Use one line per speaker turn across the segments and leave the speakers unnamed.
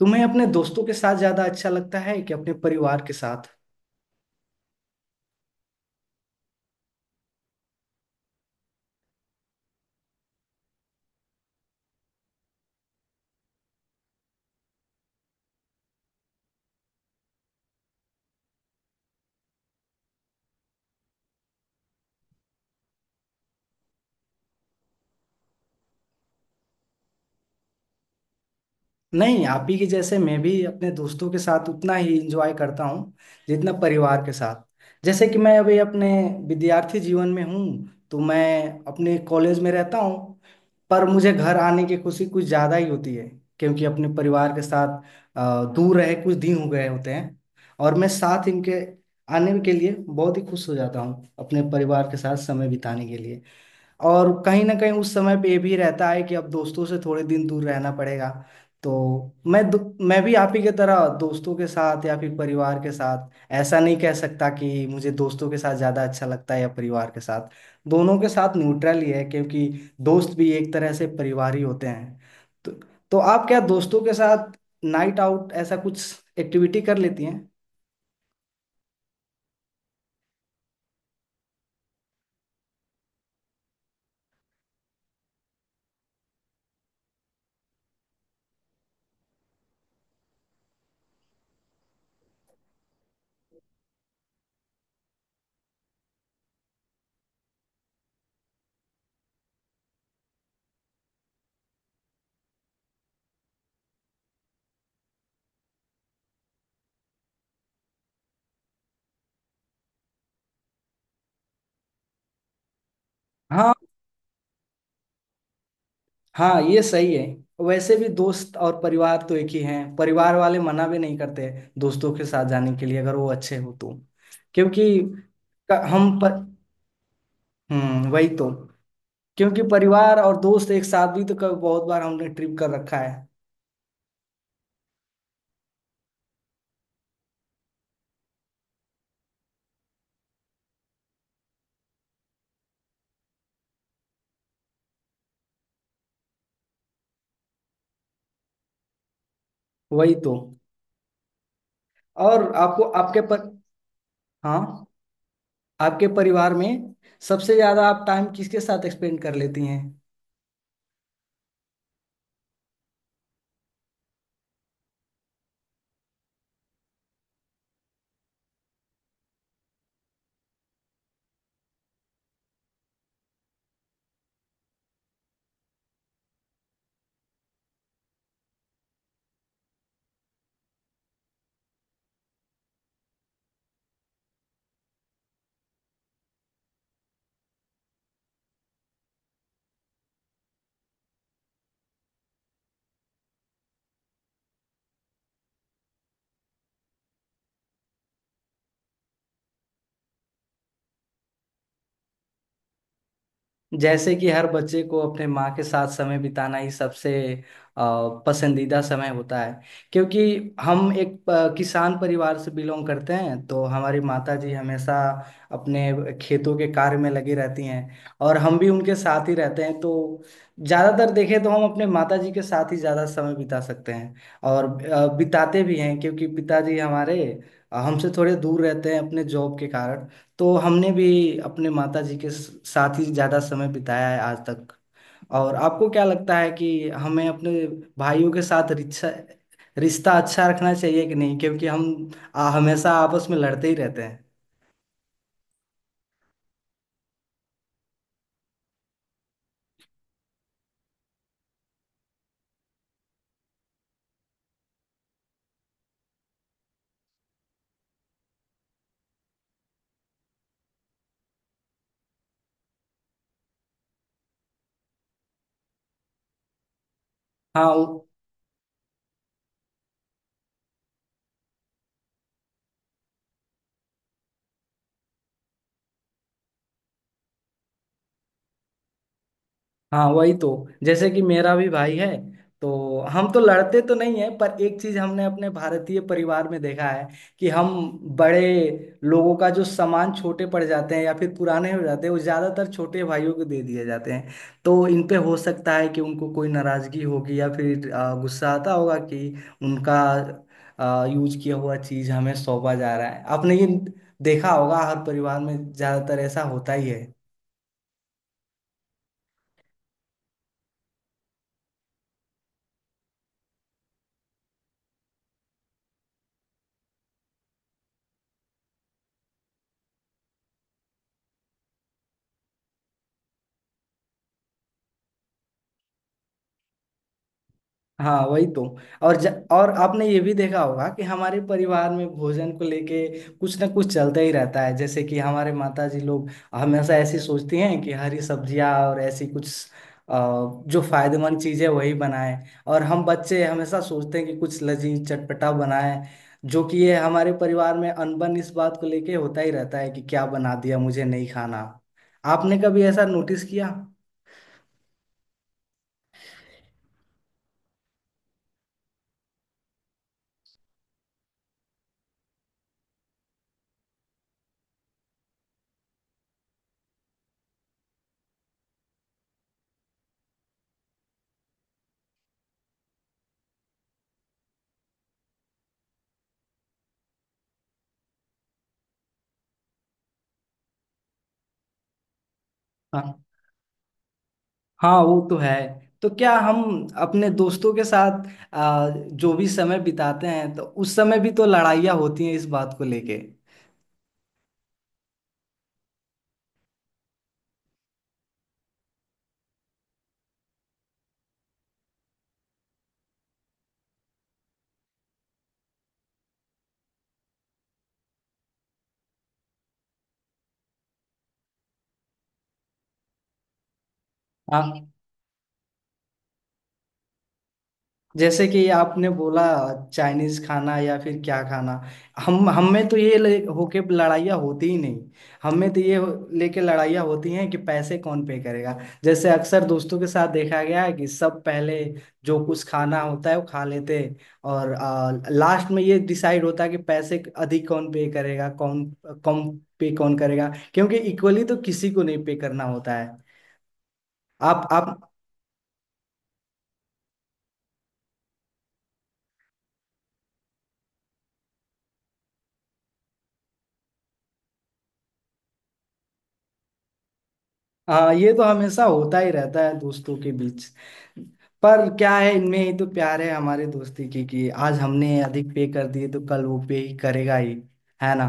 तुम्हें अपने दोस्तों के साथ ज्यादा अच्छा लगता है कि अपने परिवार के साथ। नहीं, आप ही के जैसे मैं भी अपने दोस्तों के साथ उतना ही इंजॉय करता हूँ जितना परिवार के साथ। जैसे कि मैं अभी अपने विद्यार्थी जीवन में हूँ, तो मैं अपने कॉलेज में रहता हूँ, पर मुझे घर आने की खुशी कुछ ज्यादा ही होती है क्योंकि अपने परिवार के साथ दूर रहे कुछ दिन हो गए होते हैं, और मैं साथ इनके आने के लिए बहुत ही खुश हो जाता हूँ अपने परिवार के साथ समय बिताने के लिए। और कहीं ना कहीं उस समय पे ये भी रहता है कि अब दोस्तों से थोड़े दिन दूर रहना पड़ेगा। तो मैं दो- मैं भी आप ही की तरह दोस्तों के साथ या फिर परिवार के साथ, ऐसा नहीं कह सकता कि मुझे दोस्तों के साथ ज़्यादा अच्छा लगता है या परिवार के साथ। दोनों के साथ न्यूट्रल ही है, क्योंकि दोस्त भी एक तरह से परिवार ही होते हैं। तो, तो आप क्या दोस्तों के साथ नाइट आउट ऐसा कुछ एक्टिविटी कर लेती हैं? हाँ। हाँ, ये सही है। वैसे भी दोस्त और परिवार तो एक ही हैं, परिवार वाले मना भी नहीं करते दोस्तों के साथ जाने के लिए अगर वो अच्छे हो तो। क्योंकि हम पर। हम्म, वही तो। क्योंकि परिवार और दोस्त एक साथ भी तो कभी, बहुत बार हमने ट्रिप कर रखा है। वही तो। और आपको आपके पर। हाँ। आपके परिवार में सबसे ज्यादा आप टाइम किसके साथ स्पेंड कर लेती हैं? जैसे कि हर बच्चे को अपने माँ के साथ समय बिताना ही सबसे पसंदीदा समय होता है। क्योंकि हम एक किसान परिवार से बिलोंग करते हैं, तो हमारी माता जी हमेशा अपने खेतों के कार्य में लगी रहती हैं, और हम भी उनके साथ ही रहते हैं। तो ज़्यादातर देखें तो हम अपने माता जी के साथ ही ज़्यादा समय बिता सकते हैं, और बिताते भी हैं। क्योंकि पिताजी हमारे हमसे थोड़े दूर रहते हैं अपने जॉब के कारण। तो हमने भी अपने माता जी के साथ ही ज्यादा समय बिताया है आज तक। और आपको क्या लगता है कि हमें अपने भाइयों के साथ रिश्ता, रिश्ता अच्छा रखना चाहिए कि नहीं, क्योंकि हम हमेशा आपस में लड़ते ही रहते हैं। हाँ। हाँ, वही तो। जैसे कि मेरा भी भाई है। तो हम तो लड़ते तो नहीं है, पर एक चीज हमने अपने भारतीय परिवार में देखा है कि हम बड़े लोगों का जो सामान छोटे पड़ जाते हैं या फिर पुराने हो जाते हैं, वो ज्यादातर छोटे भाइयों को दे दिए जाते हैं। तो इन पे हो सकता है कि उनको कोई नाराजगी होगी या फिर गुस्सा आता होगा कि उनका यूज किया हुआ चीज हमें सौंपा जा रहा है। आपने ये देखा होगा, हर परिवार में ज्यादातर ऐसा होता ही है। हाँ, वही तो। और आपने ये भी देखा होगा कि हमारे परिवार में भोजन को लेके कुछ ना कुछ चलता ही रहता है। जैसे कि हमारे माता जी लोग हमेशा ऐसी सोचती हैं कि हरी सब्जियाँ और ऐसी कुछ अ, जो फायदेमंद चीज़ें वही बनाएं, और हम बच्चे हमेशा सोचते हैं कि कुछ लजीज चटपटा बनाएं। जो कि ये हमारे परिवार में अनबन इस बात को लेके होता ही रहता है कि क्या बना दिया, मुझे नहीं खाना। आपने कभी ऐसा नोटिस किया? हाँ। हाँ, वो तो है। तो क्या हम अपने दोस्तों के साथ जो भी समय बिताते हैं, तो उस समय भी तो लड़ाइयाँ होती हैं इस बात को लेके? हाँ। जैसे कि आपने बोला चाइनीज खाना या फिर क्या खाना, हम में तो ये ले होके लड़ाइयाँ होती ही नहीं। हम में तो ये लेके लड़ाइयाँ होती हैं कि पैसे कौन पे करेगा। जैसे अक्सर दोस्तों के साथ देखा गया है कि सब पहले जो कुछ खाना होता है वो खा लेते हैं, और लास्ट में ये डिसाइड होता है कि पैसे अधिक कौन पे करेगा, कौन कम पे कौन करेगा। क्योंकि इक्वली तो किसी को नहीं पे करना होता है। आप। हाँ, ये तो हमेशा होता ही रहता है दोस्तों के बीच। पर क्या है, इनमें ही तो प्यार है हमारे दोस्ती की, कि आज हमने अधिक पे कर दिए तो कल वो पे ही करेगा ही, है ना?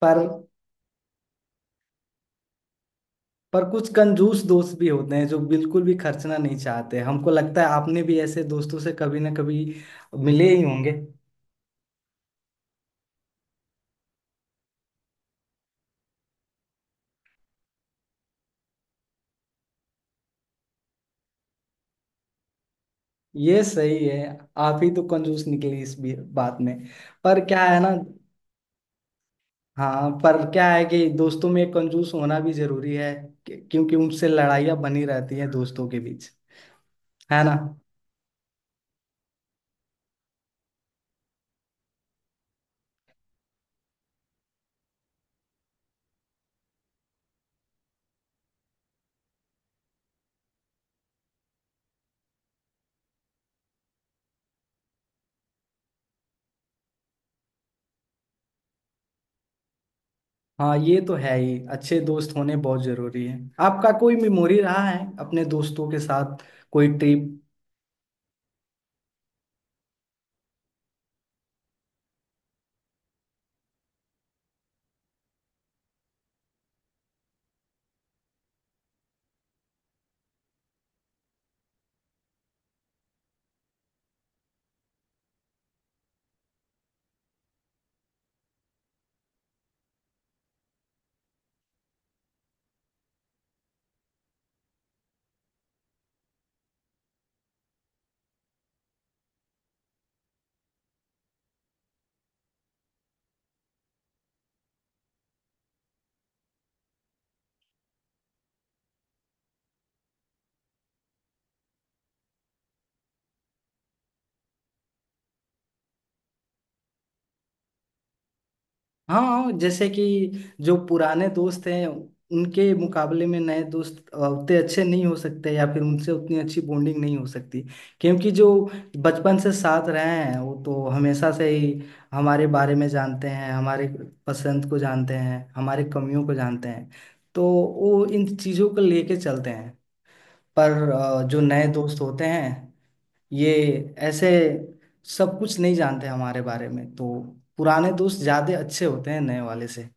पर पर कुछ कंजूस दोस्त भी होते हैं जो बिल्कुल भी खर्चना नहीं चाहते। हमको लगता है आपने भी ऐसे दोस्तों से कभी ना कभी मिले ही होंगे। ये सही है, आप ही तो कंजूस निकले इस बात में। पर क्या है ना। हाँ, पर क्या है कि दोस्तों में कंजूस होना भी जरूरी है। क्योंकि उनसे लड़ाइयाँ बनी रहती हैं दोस्तों के बीच, है ना? हाँ, ये तो है ही, अच्छे दोस्त होने बहुत जरूरी है। आपका कोई मेमोरी रहा है अपने दोस्तों के साथ, कोई ट्रिप? हाँ। हाँ, जैसे कि जो पुराने दोस्त हैं उनके मुकाबले में नए दोस्त उतने अच्छे नहीं हो सकते, या फिर उनसे उतनी अच्छी बॉन्डिंग नहीं हो सकती। क्योंकि जो बचपन से साथ रहे हैं वो तो हमेशा से ही हमारे बारे में जानते हैं, हमारे पसंद को जानते हैं, हमारे कमियों को जानते हैं। तो वो इन चीज़ों को लेके चलते हैं। पर जो नए दोस्त होते हैं ये ऐसे सब कुछ नहीं जानते हमारे बारे में। तो पुराने दोस्त ज्यादा अच्छे होते हैं नए वाले से।